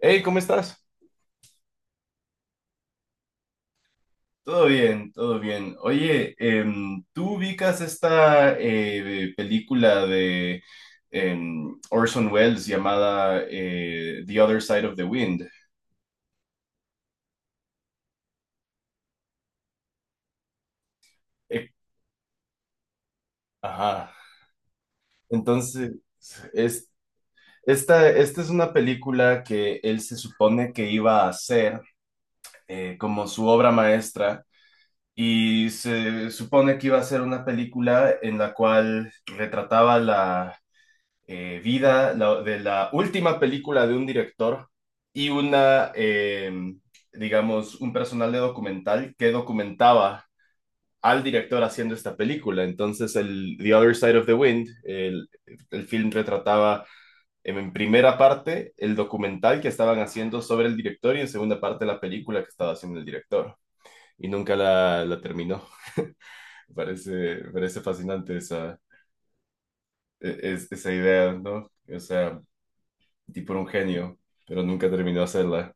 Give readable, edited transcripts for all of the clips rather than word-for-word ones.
Hey, ¿cómo estás? Todo bien, todo bien. Oye, ¿tú ubicas esta película de Orson Welles llamada The Other Side of the Wind? Eh, Ajá, entonces, es, esta es una película que él se supone que iba a hacer como su obra maestra, y se supone que iba a ser una película en la cual retrataba vida de la última película de un director y una, digamos, un personal de documental que documentaba al director haciendo esta película. Entonces, el The Other Side of the Wind, el film retrataba en primera parte el documental que estaban haciendo sobre el director y en segunda parte la película que estaba haciendo el director. Y nunca la terminó. Me Parece, me parece fascinante esa, esa idea, ¿no? O sea, el tipo era un genio, pero nunca terminó de hacerla.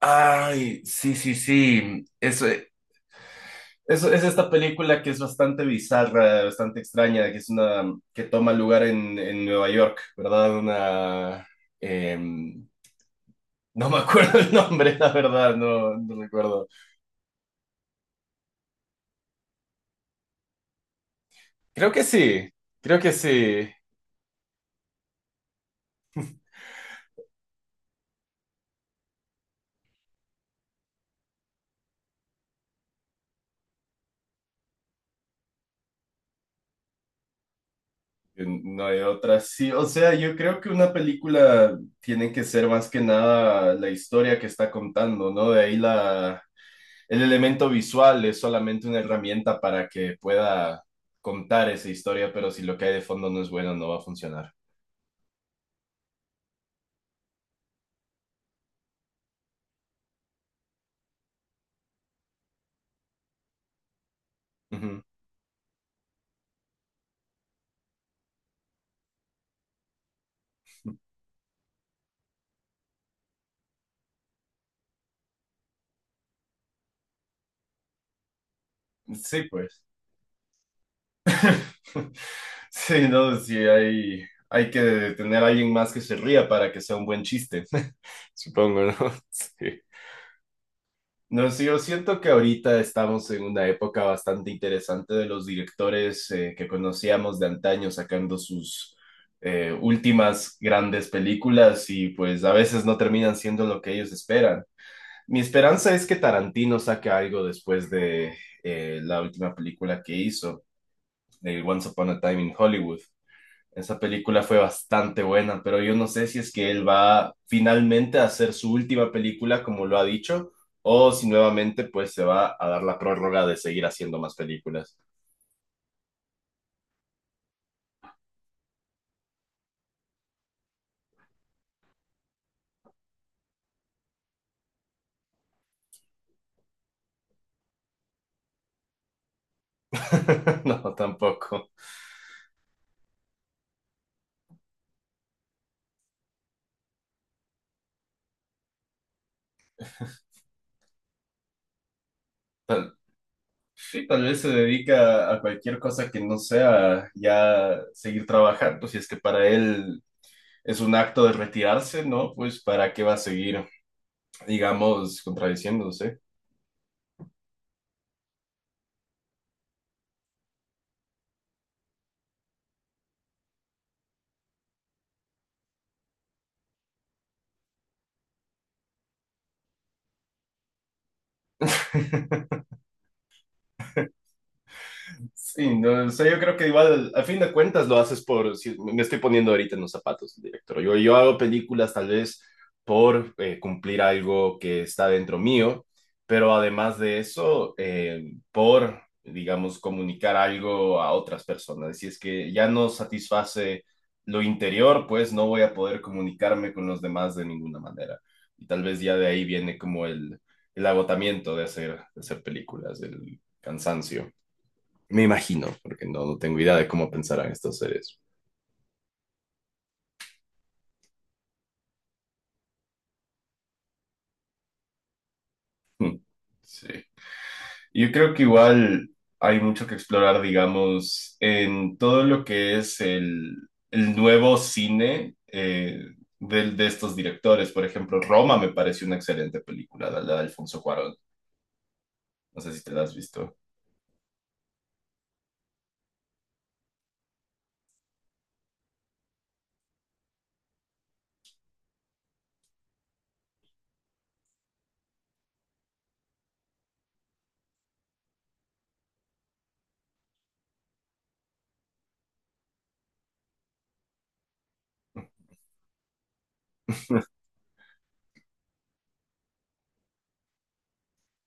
Ay, sí, sí, sí. Eso es esta película que es bastante bizarra, bastante extraña, que es una que toma lugar en Nueva York, ¿verdad? Una em, no me acuerdo el nombre, la verdad, no, no recuerdo. Creo que sí, creo que sí. No hay otra, sí. O sea, yo creo que una película tiene que ser más que nada la historia que está contando, ¿no? De ahí la, el elemento visual es solamente una herramienta para que pueda contar esa historia, pero si lo que hay de fondo no es bueno, no va a funcionar. Ujú. Sí, pues. Sí, no, sí, hay que tener a alguien más que se ría para que sea un buen chiste, supongo, ¿no? Sí. No sé, yo siento que ahorita estamos en una época bastante interesante de los directores que conocíamos de antaño sacando sus últimas grandes películas, y pues a veces no terminan siendo lo que ellos esperan. Mi esperanza es que Tarantino saque algo después de la última película que hizo, el Once Upon a Time in Hollywood. Esa película fue bastante buena, pero yo no sé si es que él va finalmente a hacer su última película, como lo ha dicho, o si nuevamente pues se va a dar la prórroga de seguir haciendo más películas. No, tampoco. Sí, tal vez se dedica a cualquier cosa que no sea ya seguir trabajando, si es que para él es un acto de retirarse, ¿no? Pues para qué va a seguir, digamos, contradiciéndose. Sí, no, o sea, yo creo que igual, a fin de cuentas, lo haces por, si me estoy poniendo ahorita en los zapatos del director. Yo hago películas tal vez por cumplir algo que está dentro mío, pero además de eso, por, digamos, comunicar algo a otras personas. Si es que ya no satisface lo interior, pues no voy a poder comunicarme con los demás de ninguna manera. Y tal vez ya de ahí viene como el agotamiento de hacer películas, el cansancio. Me imagino, porque no, no tengo idea de cómo pensarán estos seres. Mm. Sí. Yo creo que igual hay mucho que explorar, digamos, en todo lo que es el nuevo cine de estos directores. Por ejemplo, Roma me pareció una excelente película, la de Alfonso Cuarón. No sé si te la has visto.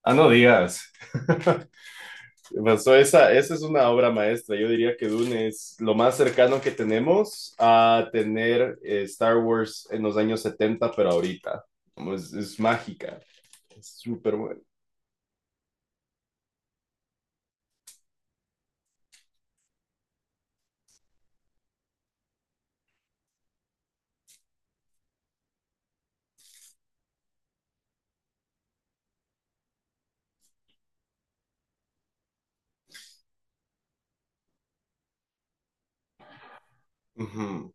Ah, no digas. Pasó esa, esa es una obra maestra. Yo diría que Dune es lo más cercano que tenemos a tener Star Wars en los años 70, pero ahorita. Como es mágica, es súper bueno. Ujú.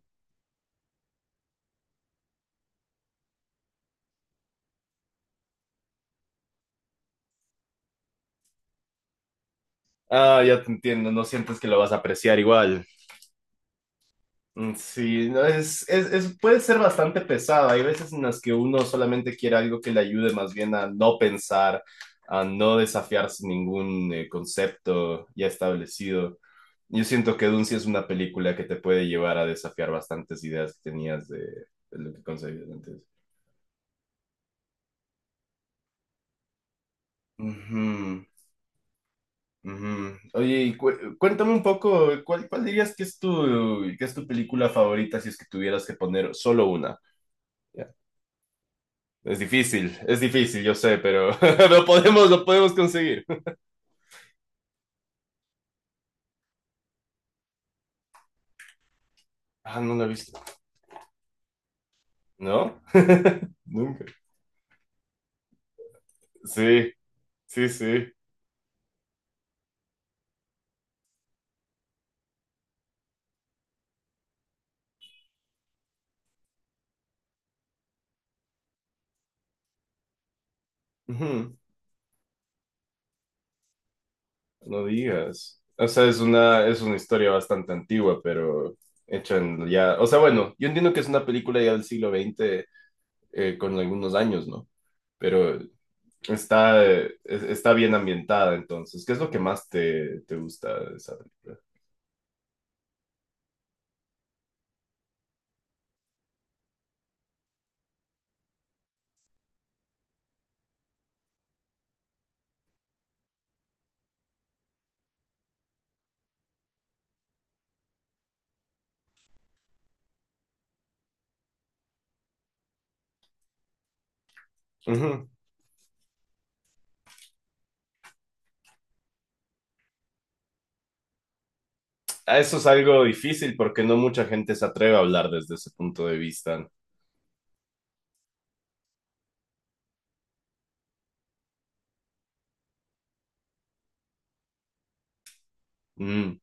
Ah, ya te entiendo, no sientes que lo vas a apreciar igual. Mm, sí, no, es, puede ser bastante pesado. Hay veces en las que uno solamente quiere algo que le ayude más bien a no pensar, a no desafiarse ningún concepto ya establecido. Yo siento que Dune sí es una película que te puede llevar a desafiar bastantes ideas que tenías de lo que concebías antes. Ujú, ujú. Oye, y cuéntame un poco, ¿cuál, cuál dirías que es tu película favorita si es que tuvieras que poner solo una? Es difícil, yo sé, pero lo podemos conseguir. Ah, no lo he visto. ¿No? Nunca. Sí, sí, sí. Ujú, no digas. O sea, es una historia bastante antigua, pero hecha en ya. O sea, bueno, yo entiendo que es una película ya del siglo XX con algunos años, ¿no? Pero está, está bien ambientada entonces. ¿Qué es lo que más te, te gusta de esa película? Ah, eso es algo difícil porque no mucha gente se atreve a hablar desde ese punto de vista. Mm,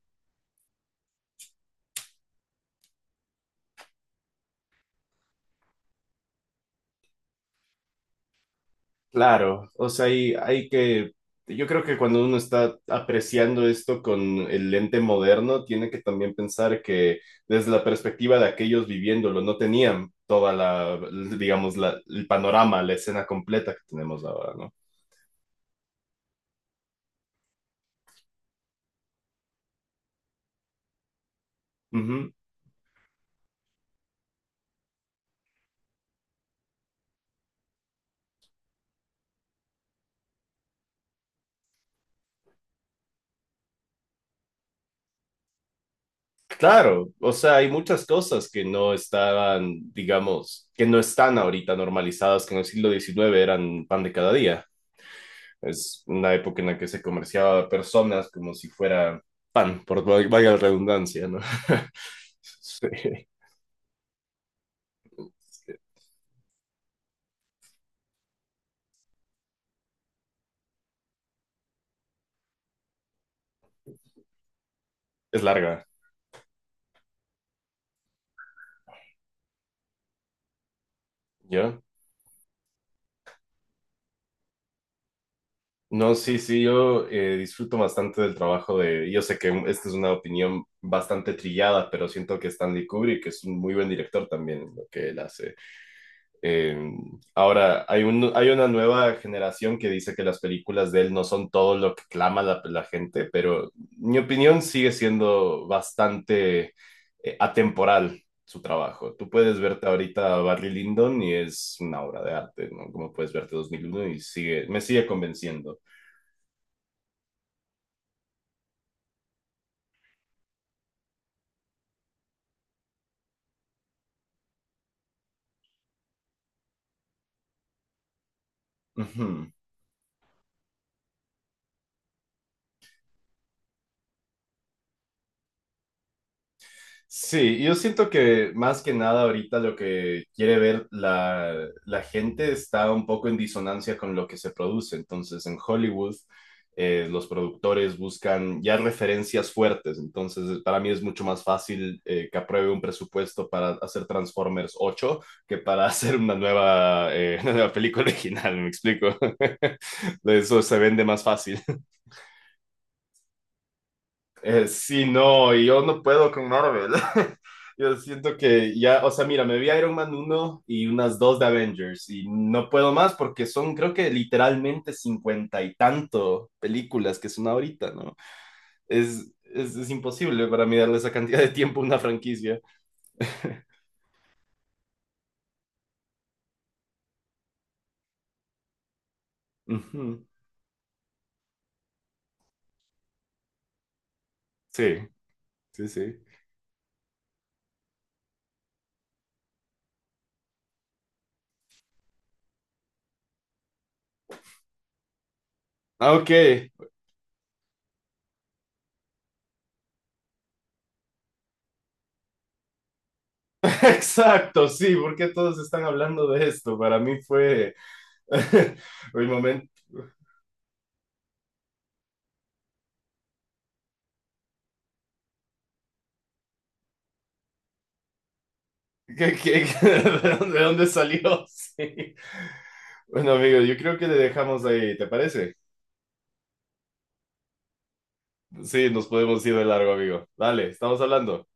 claro, o sea, hay que, yo creo que cuando uno está apreciando esto con el lente moderno, tiene que también pensar que desde la perspectiva de aquellos viviéndolo, no tenían toda la, digamos, la, el panorama, la escena completa que tenemos ahora, ¿no? Ujú. Claro, o sea, hay muchas cosas que no estaban, digamos, que no están ahorita normalizadas, que en el siglo XIX eran pan de cada día. Es una época en la que se comerciaba a personas como si fuera pan, por valga la redundancia, ¿no? Sí, es larga, ¿ya? No, sí, sí, yo disfruto bastante del trabajo de... Yo sé que esta es una opinión bastante trillada, pero siento que Stanley Kubrick es un muy buen director también en lo que él hace. Eh, ahora, hay hay una nueva generación que dice que las películas de él no son todo lo que clama la, la gente, pero mi opinión sigue siendo bastante atemporal su trabajo. Tú puedes verte ahorita a Barry Lyndon y es una obra de arte, ¿no? Como puedes verte 2001 y sigue, me sigue convenciendo. Ujú. Sí, yo siento que más que nada ahorita lo que quiere ver la, la gente está un poco en disonancia con lo que se produce. Entonces, en Hollywood, los productores buscan ya referencias fuertes. Entonces, para mí es mucho más fácil que apruebe un presupuesto para hacer Transformers 8 que para hacer una nueva, una nueva película original, ¿me explico? Eso se vende más fácil. Sí, no, y yo no puedo con Marvel. Yo siento que ya, o sea, mira, me vi Iron Man uno y unas dos de Avengers y no puedo más porque son, creo que literalmente 50 y tanto películas que son ahorita, ¿no? Es imposible para mí darle esa cantidad de tiempo a una franquicia. Ujú. Sí, sí, sí. Ah, ok, exacto, sí, porque todos están hablando de esto. Para mí fue el momento. ¿Qué- qué- qué- de dónde, de dónde salió? Sí. Bueno, amigo, yo creo que le dejamos ahí, ¿te parece? Sí, nos podemos ir de largo, amigo. Dale, estamos hablando.